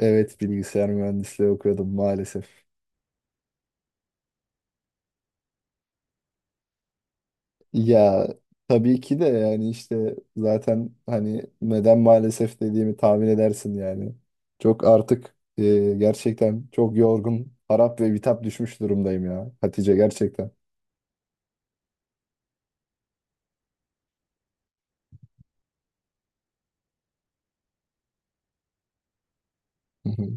Evet bilgisayar mühendisliği okuyordum maalesef. Ya tabii ki de yani işte zaten hani neden maalesef dediğimi tahmin edersin yani. Çok artık gerçekten çok yorgun, harap ve bitap düşmüş durumdayım ya Hatice gerçekten. Hı hı.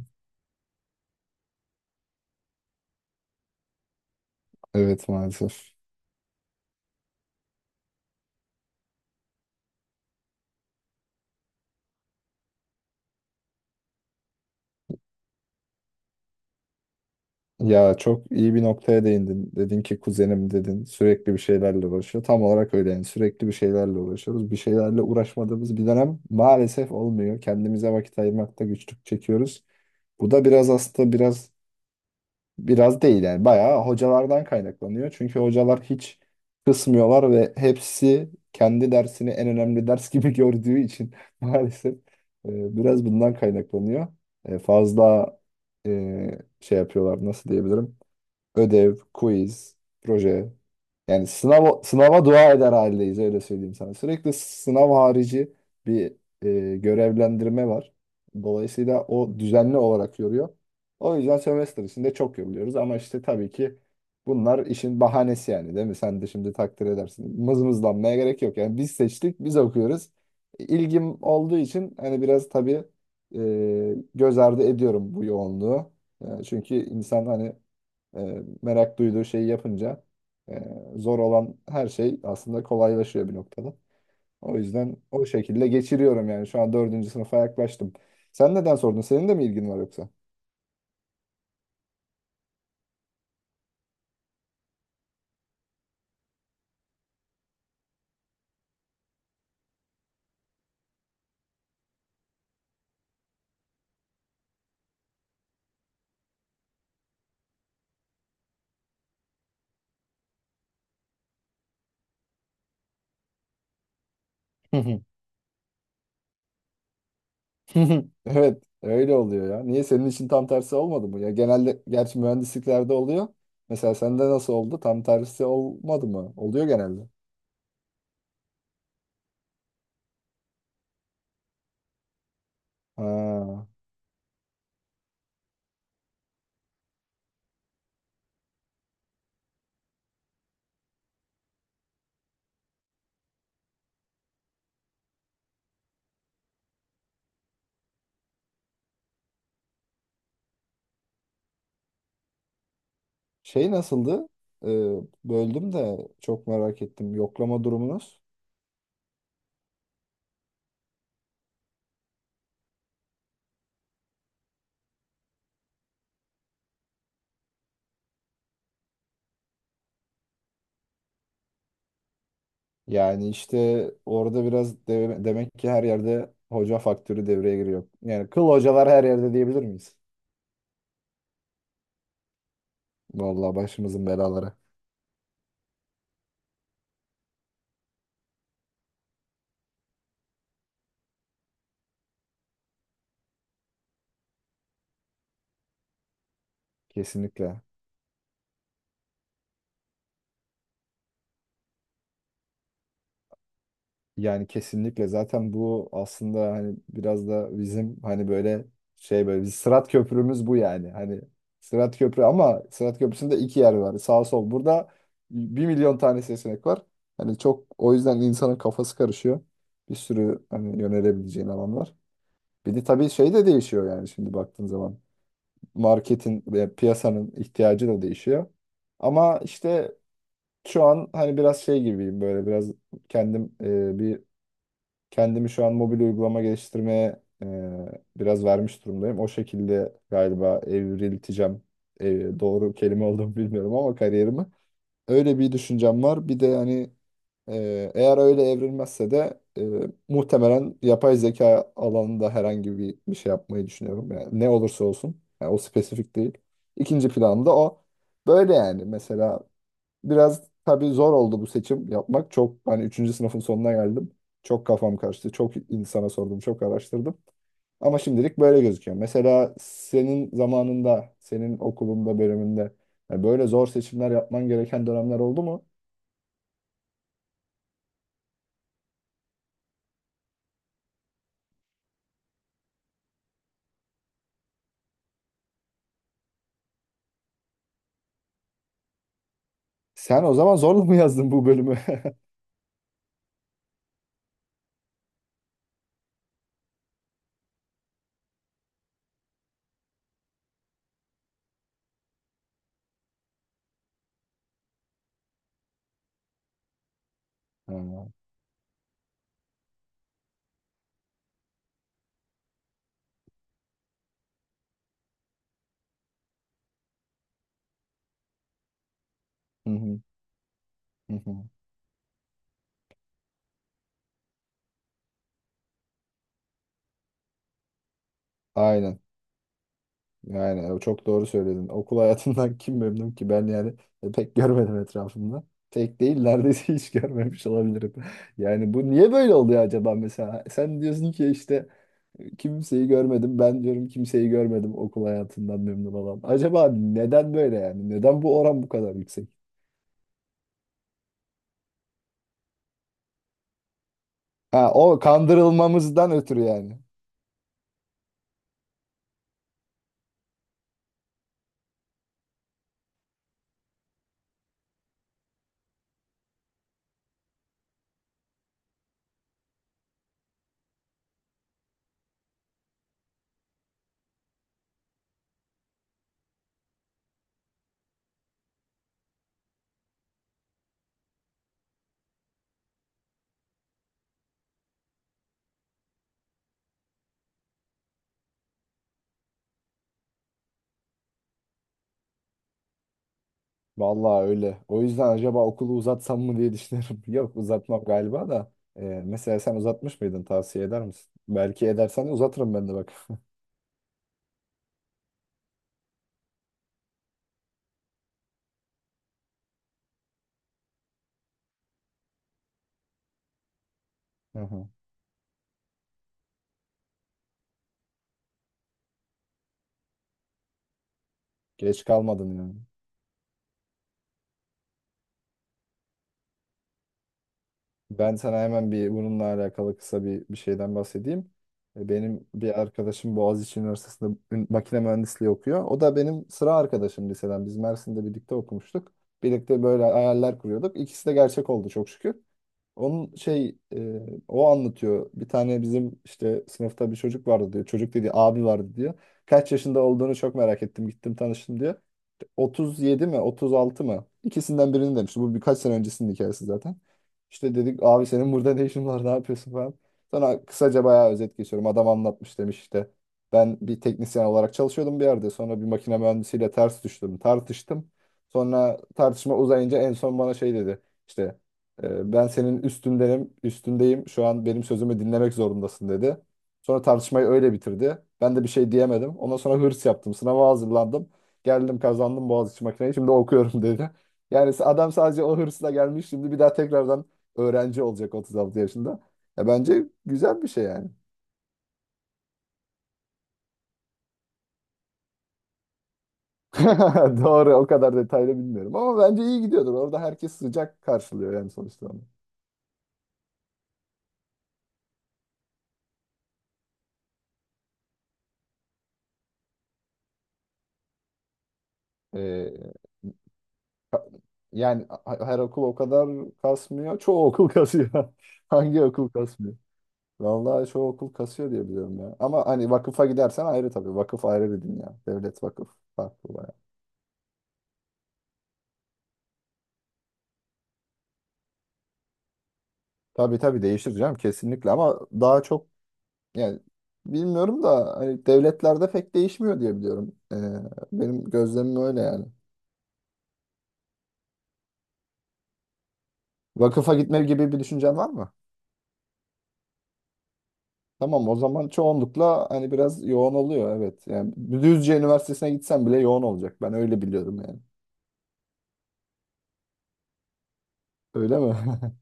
Evet maalesef. Ya çok iyi bir noktaya değindin. Dedin ki kuzenim dedin sürekli bir şeylerle uğraşıyor. Tam olarak öyle yani sürekli bir şeylerle uğraşıyoruz. Bir şeylerle uğraşmadığımız bir dönem maalesef olmuyor. Kendimize vakit ayırmakta güçlük çekiyoruz. Bu da biraz aslında biraz biraz değil yani bayağı hocalardan kaynaklanıyor. Çünkü hocalar hiç kısmıyorlar ve hepsi kendi dersini en önemli ders gibi gördüğü için maalesef biraz bundan kaynaklanıyor. Fazla şey yapıyorlar, nasıl diyebilirim? Ödev, quiz, proje. Yani sınav, sınava dua eder haldeyiz, öyle söyleyeyim sana. Sürekli sınav harici bir görevlendirme var. Dolayısıyla o düzenli olarak yoruyor. O yüzden sömestr içinde çok yoruluyoruz ama işte tabii ki bunlar işin bahanesi yani, değil mi? Sen de şimdi takdir edersin. Mızmızlanmaya gerek yok. Yani biz seçtik, biz okuyoruz. İlgim olduğu için hani biraz tabii göz ardı ediyorum bu yoğunluğu. Yani çünkü insan hani e, merak duyduğu şeyi yapınca e, zor olan her şey aslında kolaylaşıyor bir noktada. O yüzden o şekilde geçiriyorum yani. Şu an dördüncü sınıfa yaklaştım. Sen neden sordun? Senin de mi ilgin var yoksa? Hı hı. Evet, öyle oluyor ya. Niye, senin için tam tersi olmadı mı? Ya genelde gerçi mühendisliklerde oluyor. Mesela sende nasıl oldu? Tam tersi olmadı mı? Oluyor genelde. Ha. Şey nasıldı? Ee, Böldüm de çok merak ettim. Yoklama durumunuz. Yani işte orada biraz demek ki her yerde hoca faktörü devreye giriyor. Yani kıl hocalar her yerde diyebilir miyiz? Vallahi başımızın belaları. Kesinlikle. Yani kesinlikle zaten bu aslında hani biraz da bizim hani böyle şey, böyle biz Sırat Köprümüz bu yani. Hani Sırat Köprü ama Sırat Köprüsü'nde iki yer var, sağ sol. Burada bir milyon tane seçenek var. Hani çok, o yüzden insanın kafası karışıyor. Bir sürü hani yönelebileceğin alan var. Bir de tabii şey de değişiyor yani şimdi baktığın zaman. Marketin ve piyasanın ihtiyacı da değişiyor. Ama işte şu an hani biraz şey gibiyim, böyle biraz kendim Kendimi şu an mobil uygulama geliştirmeye biraz vermiş durumdayım. O şekilde galiba evrilteceğim. Doğru kelime olduğunu bilmiyorum ama kariyerimi. Öyle bir düşüncem var. Bir de hani eğer öyle evrilmezse de muhtemelen yapay zeka alanında herhangi bir şey yapmayı düşünüyorum. Yani ne olursa olsun. Yani o spesifik değil. İkinci planım da o. Böyle yani. Mesela biraz tabii zor oldu bu seçim yapmak. Çok hani üçüncü sınıfın sonuna geldim. Çok kafam karıştı. Çok insana sordum, çok araştırdım. Ama şimdilik böyle gözüküyor. Mesela senin zamanında, senin okulunda, bölümünde yani böyle zor seçimler yapman gereken dönemler oldu mu? Sen o zaman zorla mı yazdın bu bölümü? Ha, hı hı, hı hı. Aynen. Yani çok doğru söyledin. Okul hayatından kim memnun ki? Ben yani pek görmedim etrafımda. Tek değil, neredeyse hiç görmemiş olabilirim. Yani bu niye böyle oluyor acaba mesela? Sen diyorsun ki işte kimseyi görmedim. Ben diyorum kimseyi görmedim okul hayatından memnun olan. Acaba neden böyle yani? Neden bu oran bu kadar yüksek? Ha, o kandırılmamızdan ötürü yani. Vallahi öyle. O yüzden acaba okulu uzatsam mı diye düşünüyorum. Yok, uzatmam galiba da. Mesela sen uzatmış mıydın? Tavsiye eder misin? Belki edersen uzatırım ben de bak. Hı hı. Geç kalmadın yani. Ben sana hemen bir bununla alakalı kısa bir şeyden bahsedeyim. Benim bir arkadaşım Boğaziçi Üniversitesi'nde makine mühendisliği okuyor. O da benim sıra arkadaşım liseden. Biz Mersin'de birlikte okumuştuk. Birlikte böyle hayaller kuruyorduk. İkisi de gerçek oldu, çok şükür. Onun o anlatıyor. Bir tane bizim işte sınıfta bir çocuk vardı diyor. Çocuk dediği abi vardı diyor. Kaç yaşında olduğunu çok merak ettim. Gittim tanıştım diyor. 37 mi 36 mı? İkisinden birini demişti. Bu birkaç sene öncesinin hikayesi zaten. İşte dedik abi senin burada ne işin var, ne yapıyorsun falan. Sonra kısaca bayağı özet geçiyorum. Adam anlatmış, demiş işte. Ben bir teknisyen olarak çalışıyordum bir yerde. Sonra bir makine mühendisiyle ters düştüm. Tartıştım. Sonra tartışma uzayınca en son bana şey dedi. İşte ben senin üstündenim, üstündeyim. Şu an benim sözümü dinlemek zorundasın, dedi. Sonra tartışmayı öyle bitirdi. Ben de bir şey diyemedim. Ondan sonra hırs yaptım. Sınava hazırlandım. Geldim, kazandım Boğaziçi makineyi, şimdi okuyorum dedi. Yani adam sadece o hırsla gelmiş, şimdi bir daha tekrardan öğrenci olacak 36 yaşında. Ya bence güzel bir şey yani. Doğru, o kadar detaylı bilmiyorum ama bence iyi gidiyordur. Orada herkes sıcak karşılıyor yani sonuçta. Onu. Ee, Yani her okul o kadar kasmıyor. Çoğu okul kasıyor. Hangi okul kasmıyor? Vallahi çoğu okul kasıyor diye biliyorum ya. Ama hani vakıfa gidersen ayrı tabii. Vakıf ayrı bir dünya. Devlet, vakıf farklı. Tabii tabii, değiştireceğim kesinlikle ama daha çok yani bilmiyorum da hani devletlerde pek değişmiyor diye biliyorum. Benim gözlemim öyle yani. Vakıfa gitme gibi bir düşüncen var mı? Tamam, o zaman çoğunlukla hani biraz yoğun oluyor, evet. Yani Düzce Üniversitesi'ne gitsem bile yoğun olacak. Ben öyle biliyorum yani. Öyle mi?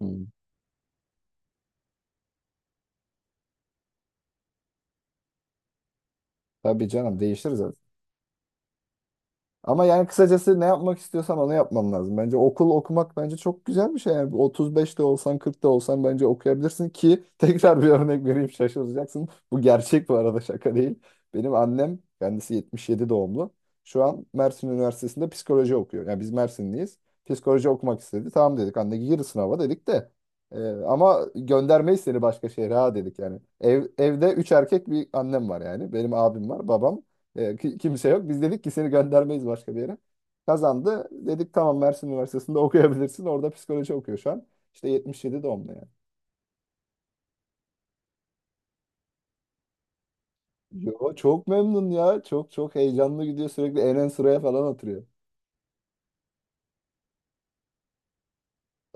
Hmm. Tabii canım, değiştiririz. Ama yani kısacası ne yapmak istiyorsan onu yapman lazım. Bence okul okumak, bence çok güzel bir şey. Yani 35'te olsan 40'ta olsan bence okuyabilirsin ki tekrar bir örnek vereyim, şaşıracaksın. Bu gerçek bu arada, şaka değil. Benim annem kendisi 77 doğumlu. Şu an Mersin Üniversitesi'nde psikoloji okuyor. Yani biz Mersinliyiz. Psikoloji okumak istedi. Tamam dedik, anne gir sınava dedik de. Ama göndermeyiz seni başka şehre ha, dedik yani. Evde 3 erkek bir annem var yani. Benim abim var, babam. Kimse yok. Biz dedik ki seni göndermeyiz başka bir yere. Kazandı. Dedik tamam, Mersin Üniversitesi'nde okuyabilirsin. Orada psikoloji okuyor şu an. İşte 77 doğumlu yani. Yo, çok memnun ya. Çok çok heyecanlı gidiyor. Sürekli en ön sıraya falan oturuyor.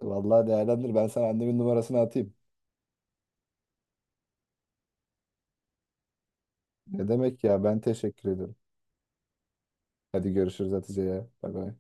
Vallahi değerlendir. Ben sana annemin numarasını atayım. Ne demek ya? Ben teşekkür ederim. Hadi görüşürüz Hatice ya. Bay bay.